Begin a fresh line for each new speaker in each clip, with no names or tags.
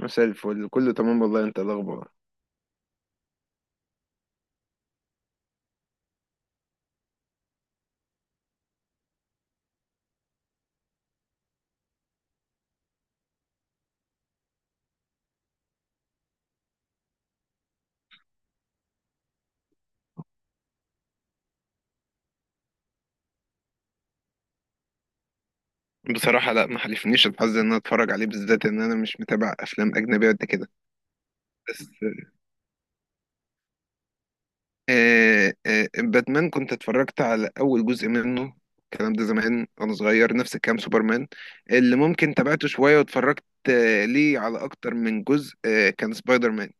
مساء الفل، كله تمام والله. انت إيه الاخبار؟ بصراحة لا، ما حلفنيش الحظ ان انا اتفرج عليه بالذات. ان انا مش متابع افلام اجنبية قد كده. بس باتمان كنت اتفرجت على اول جزء منه. الكلام ده زمان وانا صغير، نفس الكلام سوبرمان اللي ممكن تابعته شوية واتفرجت. ليه على اكتر من جزء؟ كان سبايدر مان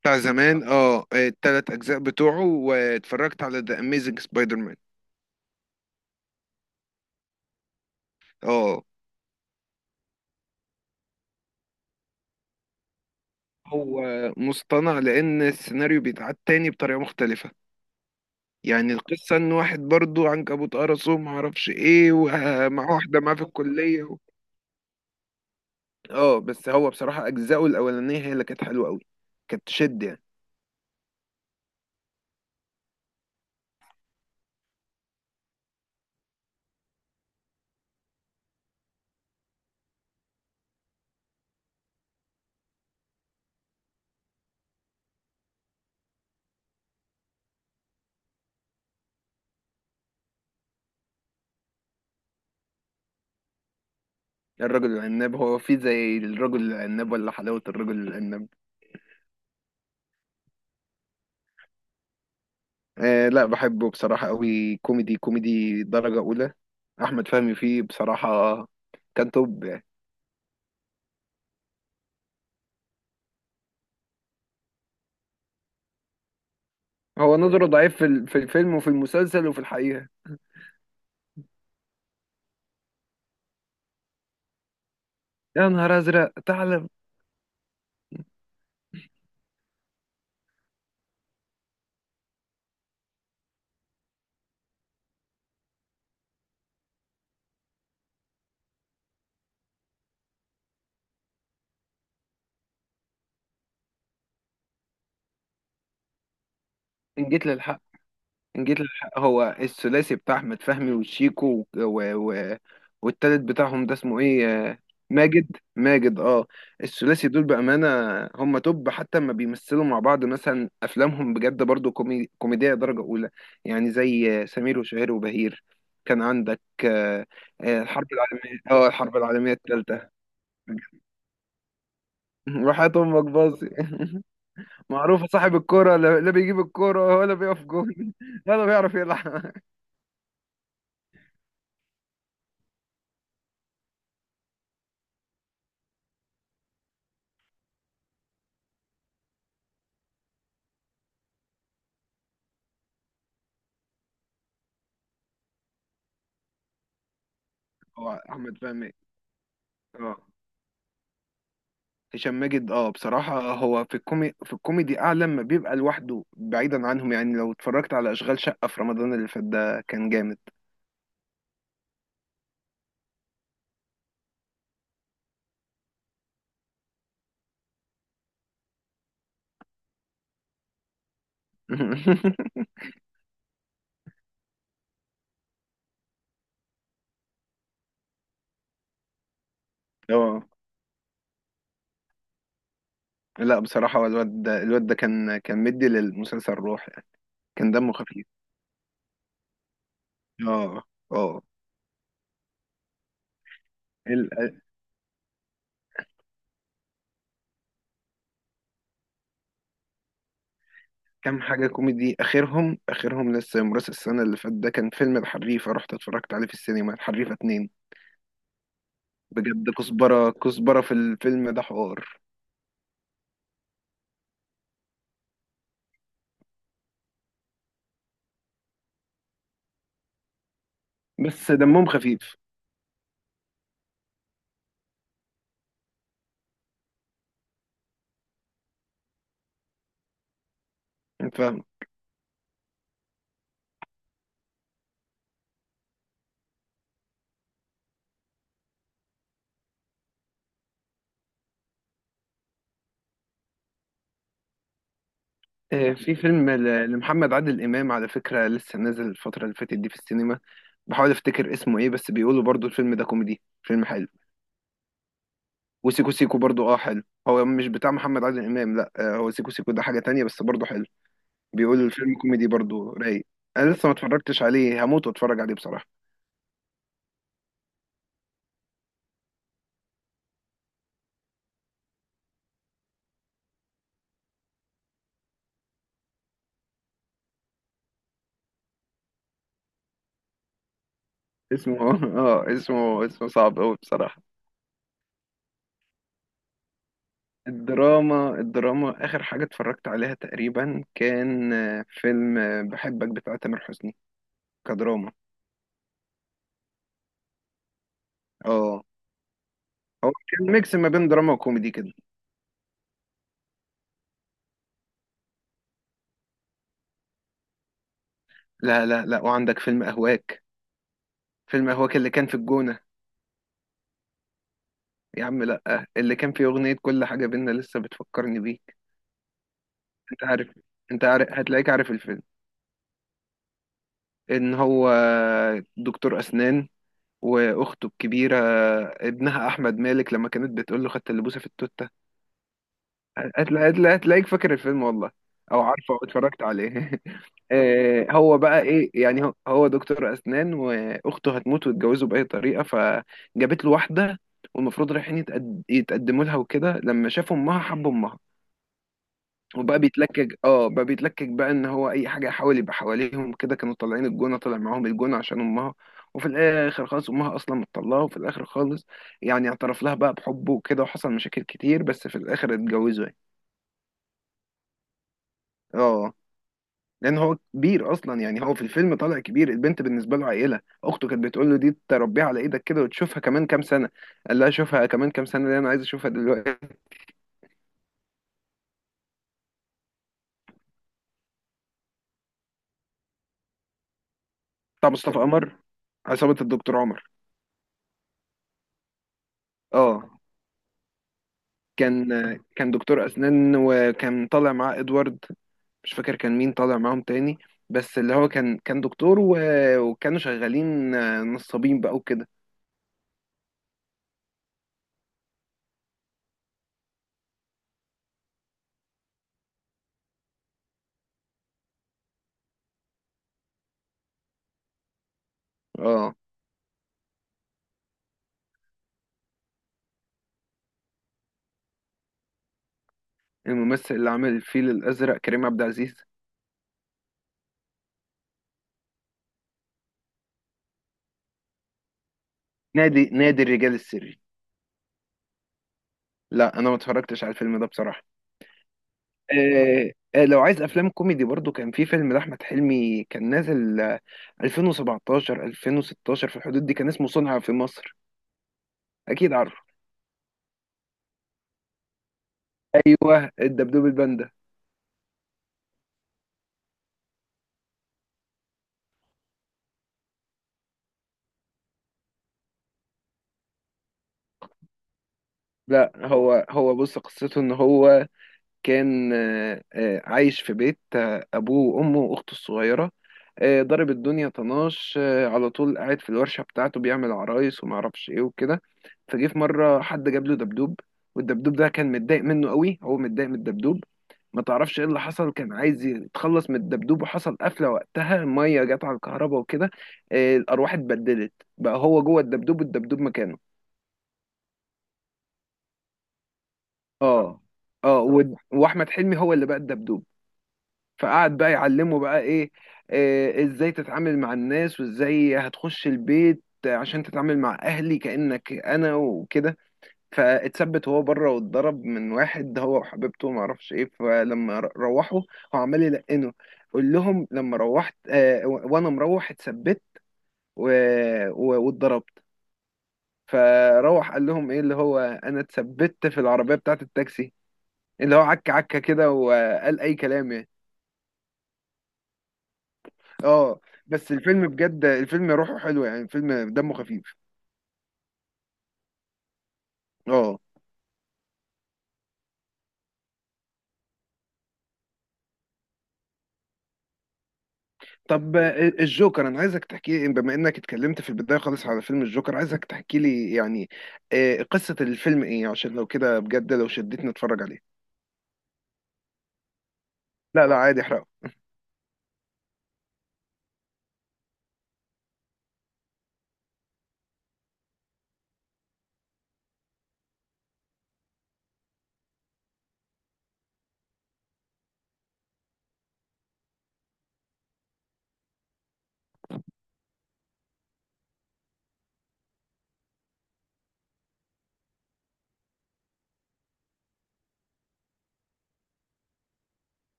بتاع زمان. التلات اجزاء بتوعه، واتفرجت على ذا اميزنج سبايدر مان. اه، هو مصطنع لان السيناريو بيتعاد تاني بطريقة مختلفة. يعني القصة ان واحد برضو عنكبوت قرصه ومعرفش ايه، ومع واحدة معاه في الكلية و... اه بس هو بصراحة اجزاؤه الاولانية هي اللي كانت حلوة قوي، كانت تشد يعني. الرجل العناب، هو في زي الرجل العناب ولا حلاوة الرجل العناب؟ آه لا، بحبه بصراحة قوي، كوميدي كوميدي درجة اولى. احمد فهمي فيه بصراحة كان توب يعني. هو نظره ضعيف في في الفيلم وفي المسلسل وفي الحقيقة. يا نهار ازرق، تعلم! ان جيت للحق، إن جيت للحق، هو الثلاثي بتاع أحمد فهمي وشيكو و والتالت بتاعهم ده اسمه إيه؟ ماجد اه. الثلاثي دول بأمانة هم توب، حتى ما بيمثلوا مع بعض، مثلا أفلامهم بجد برضو كوميدية درجة أولى. يعني زي سمير وشهير وبهير، كان عندك الحرب العالمية، اه الحرب العالمية الثالثة. وحياة أمك باظي. معروفة، صاحب الكرة لا لا، بيجيب الكرة ولا بيقف جون ولا بيعرف يلعب. هو أحمد فهمي، اه. هشام ماجد اه، بصراحة هو في في الكوميدي أعلى لما بيبقى لوحده بعيدا عنهم. يعني لو اتفرجت على أشغال شقة في رمضان اللي فات ده، كان جامد. اه لا بصراحة، هو الواد ده، كان مدي للمسلسل روح يعني، كان دمه خفيف. اه اه. ال- كام حاجة كوميدي؟ آخرهم لسه يوم راس السنة اللي فات ده، كان فيلم الحريفة، رحت اتفرجت عليه في السينما، الحريفة اتنين. بجد كزبرة في الفيلم ده حوار. بس دمهم خفيف. فاهم. في فيلم لمحمد عادل إمام على فكرة، لسه نازل الفترة اللي فاتت دي في السينما. بحاول أفتكر اسمه إيه، بس بيقولوا برضو الفيلم ده كوميدي، فيلم حلو. وسيكو سيكو برضو أه حلو. هو مش بتاع محمد عادل إمام، لأ، هو سيكو سيكو ده حاجة تانية بس برضو حلو. بيقولوا الفيلم كوميدي برضو رايق. أنا لسه ما اتفرجتش عليه، هموت واتفرج عليه بصراحة. اسمه أه، اسمه صعب أوي بصراحة. الدراما، آخر حاجة اتفرجت عليها تقريبا، كان فيلم بحبك بتاع تامر حسني، كدراما. اه، هو كان ميكس ما بين دراما وكوميدي كده. لا، وعندك فيلم أهواك. فيلم أهواك اللي كان في الجونة، يا عم لا، اللي كان فيه أغنية كل حاجة بينا لسه بتفكرني بيك. أنت عارف، أنت عارف، هتلاقيك عارف الفيلم. إن هو دكتور أسنان، وأخته الكبيرة ابنها أحمد مالك، لما كانت بتقول له خدت اللبوسة في التوت. هتلاقيك فاكر الفيلم والله، او عارفه، او اتفرجت عليه. هو بقى ايه يعني، هو دكتور اسنان، واخته هتموت ويتجوزوا باي طريقه، فجابت له واحده، والمفروض رايحين يتقدموا لها وكده، لما شافوا امها حب امها. وبقى بيتلكك، بقى ان هو اي حاجه يحاول يبقى حواليهم كده. كانوا طالعين الجونه، طالع معاهم الجونه عشان امها. وفي الاخر خالص امها اصلا مطلعه. وفي الاخر خالص يعني اعترف لها بقى بحبه وكده، وحصل مشاكل كتير، بس في الاخر اتجوزوا يعني. اه، لان هو كبير اصلا. يعني هو في الفيلم طالع كبير، البنت بالنسبه له عيله، اخته كانت بتقول له دي تربيها على ايدك كده وتشوفها كمان كام سنه. قال لها شوفها كمان كام سنه ليه، انا عايز اشوفها دلوقتي. بتاع مصطفى قمر، عصابه الدكتور عمر. اه، كان كان دكتور اسنان، وكان طالع معاه ادوارد. مش فاكر كان مين طالع معاهم تاني. بس اللي هو كان دكتور وكانوا شغالين نصابين بقى وكده. اه. الممثل اللي عمل الفيل الازرق كريم عبد العزيز. نادي الرجال السري؟ لا انا ما اتفرجتش على الفيلم ده بصراحه. لو عايز افلام كوميدي، برضو كان في فيلم لاحمد حلمي كان نازل، 2017 2016 في الحدود دي، كان اسمه صنع في مصر. اكيد عارفه، ايوه الدبدوب الباندا. لا، هو بص، قصته ان هو كان، عايش في بيت، أبوه وأمه وأخته الصغيرة. ضرب الدنيا طناش، على طول قاعد في الورشة بتاعته بيعمل عرايس ومعرفش إيه وكده. فجه في مرة حد جاب له دبدوب، والدبدوب ده كان متضايق منه قوي، هو متضايق من الدبدوب. ما تعرفش ايه اللي حصل، كان عايز يتخلص من الدبدوب، وحصل قفلة وقتها، المية جت على الكهرباء وكده. الأرواح اتبدلت، بقى هو جوه الدبدوب والدبدوب مكانه. اه. اه، واحمد حلمي هو اللي بقى الدبدوب، فقعد بقى يعلمه بقى ايه، ازاي تتعامل مع الناس، وازاي هتخش البيت عشان تتعامل مع اهلي كأنك انا وكده. فاتثبت هو بره، واتضرب من واحد هو وحبيبته ما اعرفش ايه. فلما روحوا، هو عمال يلقنه قول لهم لما روحت، وانا مروح اتثبت واتضربت. فروح قال لهم ايه، اللي هو انا اتثبت في العربية بتاعت التاكسي، اللي هو عكة كده، وقال اي كلام يعني. اه بس الفيلم بجد، الفيلم روحه حلو يعني، الفيلم دمه خفيف. اه. طب الجوكر، انا عايزك تحكي لي، بما انك اتكلمت في البدايه خالص على فيلم الجوكر، عايزك تحكي لي يعني قصه الفيلم ايه، عشان لو كده بجد لو شدتني اتفرج عليه. لا لا، عادي احرقه.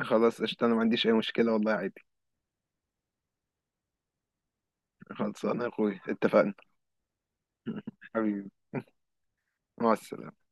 خلاص قشطه، انا ما عنديش اي مشكله والله، عادي. خلاص انا يا اخوي اتفقنا. حبيبي، مع السلامه.